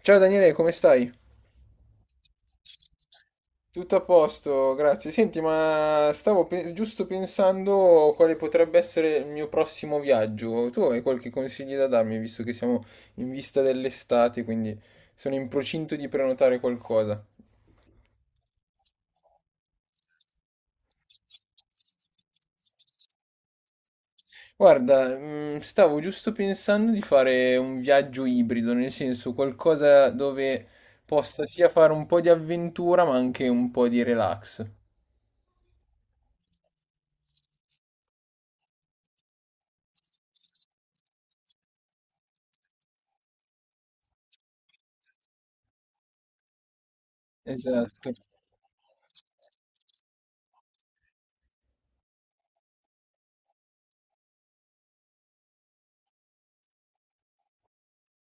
Ciao Daniele, come stai? Tutto a posto, grazie. Senti, ma giusto pensando quale potrebbe essere il mio prossimo viaggio. Tu hai qualche consiglio da darmi, visto che siamo in vista dell'estate, quindi sono in procinto di prenotare qualcosa. Guarda, stavo giusto pensando di fare un viaggio ibrido, nel senso qualcosa dove possa sia fare un po' di avventura, ma anche un po' di relax. Esatto.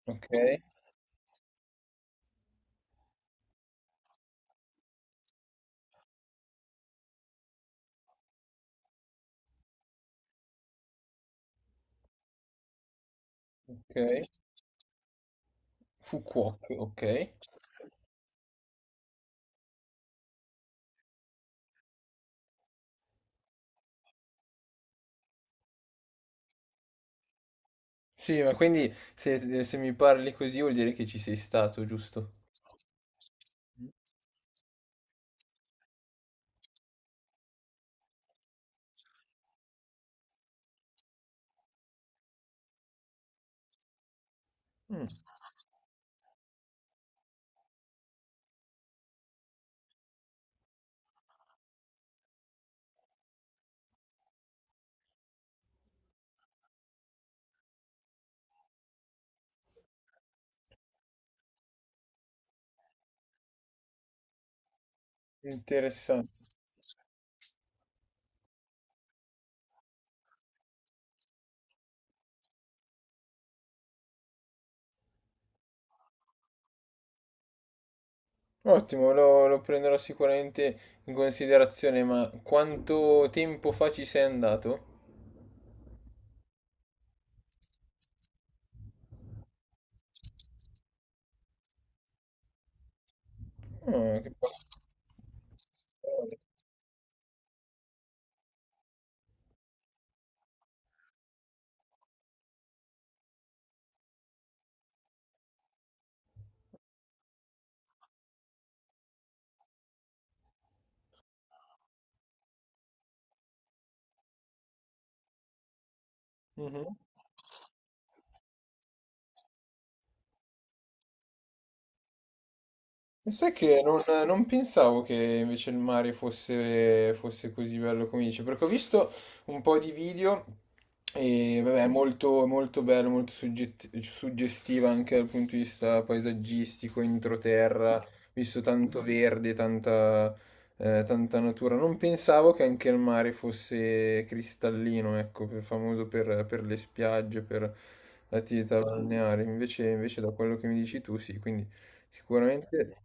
Ok, ok. Fukuoka, ok. Sì, ma quindi se mi parli così vuol dire che ci sei stato, giusto? Mm, Interessante. Ottimo, lo prenderò sicuramente in considerazione, ma quanto tempo fa ci sei andato? Ah, che bello. Mhm. E sai che non pensavo che invece il mare fosse così bello come dice, perché ho visto un po' di video e vabbè, è molto, molto bello, molto suggestiva anche dal punto di vista paesaggistico, introterra, ho visto tanto verde, tanta, tanta natura. Non pensavo che anche il mare fosse cristallino, ecco, famoso per le spiagge, per l'attività balneare, invece da quello che mi dici tu, sì, quindi. Sicuramente.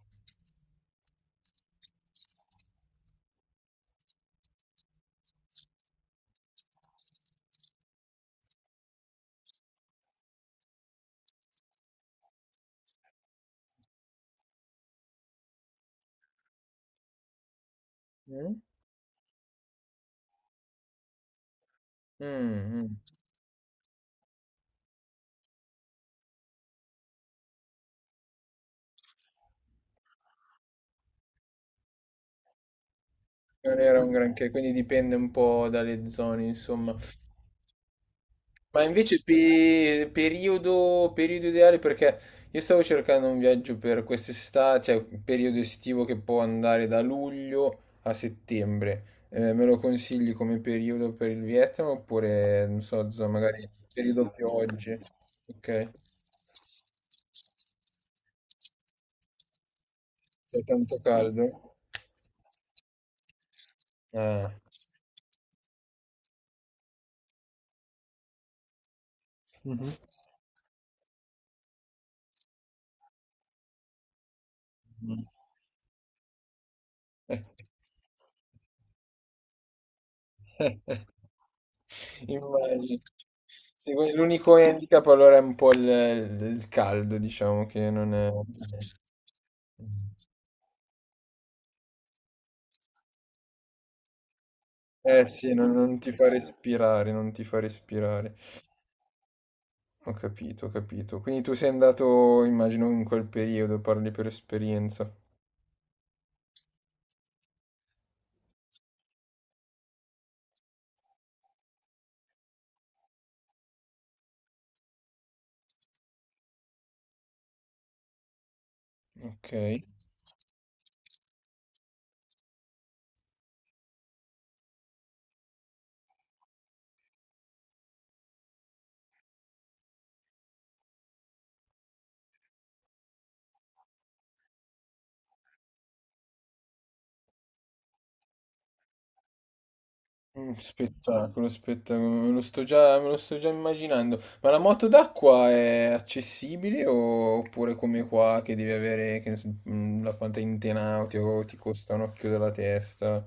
Mm? Mm, mm. Non era un, ok, granché, quindi dipende un po' dalle zone, insomma. Ma invece periodo ideale, perché io stavo cercando un viaggio per quest'estate, cioè un periodo estivo che può andare da luglio a settembre. Me lo consigli come periodo per il Vietnam oppure, non so, magari periodo piogge? Ok, c'è tanto caldo? Ah. Mhm. Mm. Eh. Immagino. Sì, l'unico handicap allora è un po' il caldo, diciamo che non è. Eh sì, non ti fa respirare, non ti fa respirare. Ho capito, ho capito. Quindi tu sei andato, immagino, in quel periodo, parli per esperienza. Ok. Spettacolo, spettacolo, me lo sto già immaginando. Ma la moto d'acqua è accessibile oppure come qua che devi avere, che ne so, la quanta intenauti o ti costa un occhio della testa?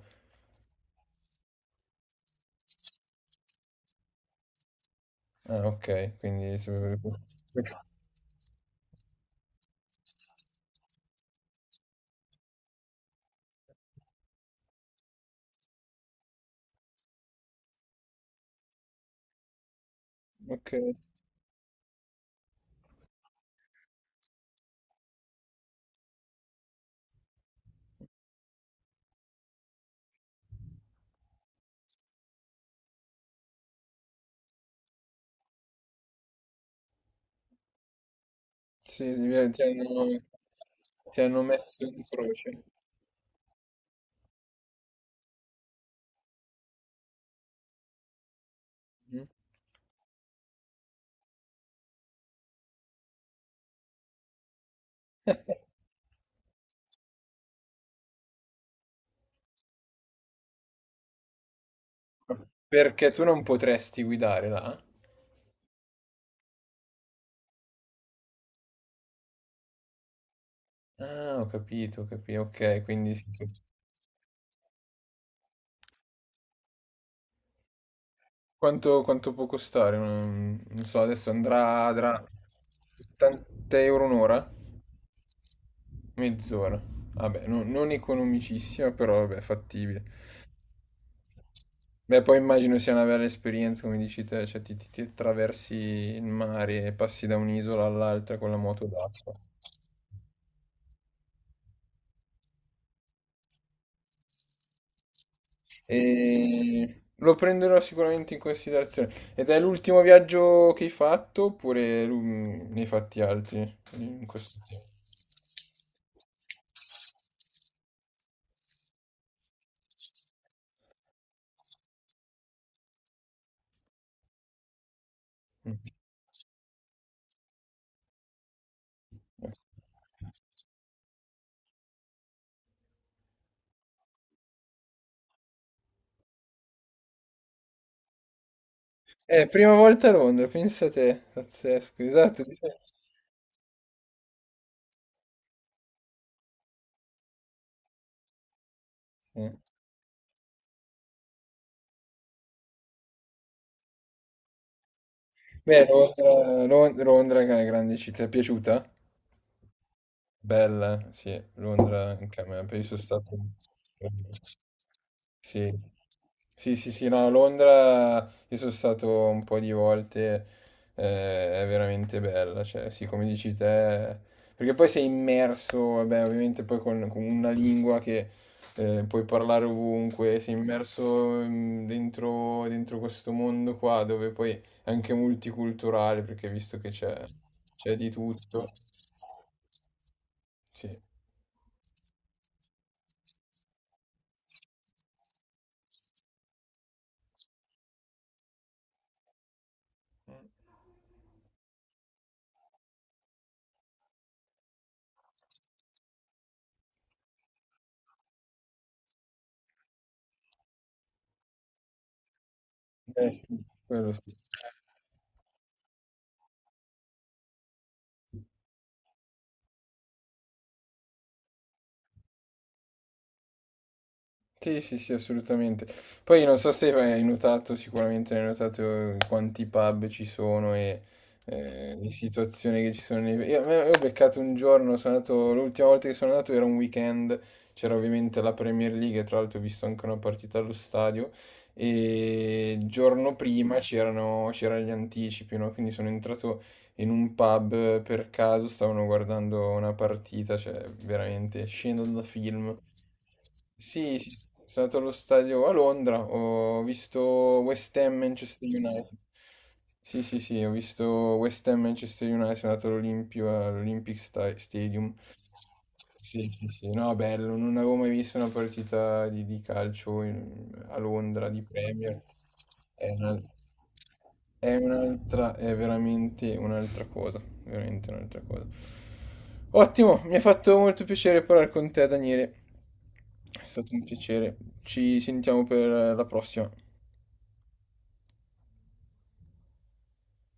Ah, ok, quindi. Ok, sì, ti hanno messo in croce. Mm. Perché tu non potresti guidare là? Ah, ho capito, ok, quindi sì. Sì. Quanto può costare? Non so, adesso andrà 80 euro un'ora? Mezz'ora. Vabbè, non economicissima, però vabbè, fattibile. Beh, poi immagino sia una bella esperienza, come dici te, cioè ti attraversi il mare e passi da un'isola all'altra con la moto d'acqua. E lo prenderò sicuramente in considerazione. Ed è l'ultimo viaggio che hai fatto, oppure ne hai fatti altri in questo tempo? Mm. Prima volta a Londra, pensa te, pazzesco, esatto. Sì. Beh, Londra, Londra è una grande città, ti è piaciuta? Bella, sì, Londra anche a me, poi sono stato. Sì. Sì, sì, sì, no, Londra io sono stato un po' di volte, è veramente bella, cioè sì, come dici te, perché poi sei immerso, vabbè, ovviamente poi con una lingua che puoi parlare ovunque, sei immerso dentro questo mondo qua, dove poi è anche multiculturale, perché visto che c'è di tutto, sì. Eh sì, quello sì. Sì, sì, sì, assolutamente. Poi non so se hai notato, sicuramente hai notato quanti pub ci sono e le situazioni che ci sono. Io ho beccato un giorno, sono andato, l'ultima volta che sono andato era un weekend, c'era ovviamente la Premier League, e tra l'altro ho visto anche una partita allo stadio e il giorno prima c'erano gli anticipi, no? Quindi sono entrato in un pub per caso, stavano guardando una partita, cioè veramente scena da film. Sì, sì, sì, sono stato allo stadio a Londra, ho visto West Ham Manchester United. Sì, sì, sì, ho visto West Ham Manchester United, sono andato all'Olimpio, all'Olympic Stadium. Sì, sì, sì, no, bello, non avevo mai visto una partita di calcio a Londra, di Premier. È è un'altra, è veramente un'altra cosa, veramente un'altra cosa. Ottimo, mi ha fatto molto piacere parlare con te, Daniele. È stato un piacere. Ci sentiamo per la prossima.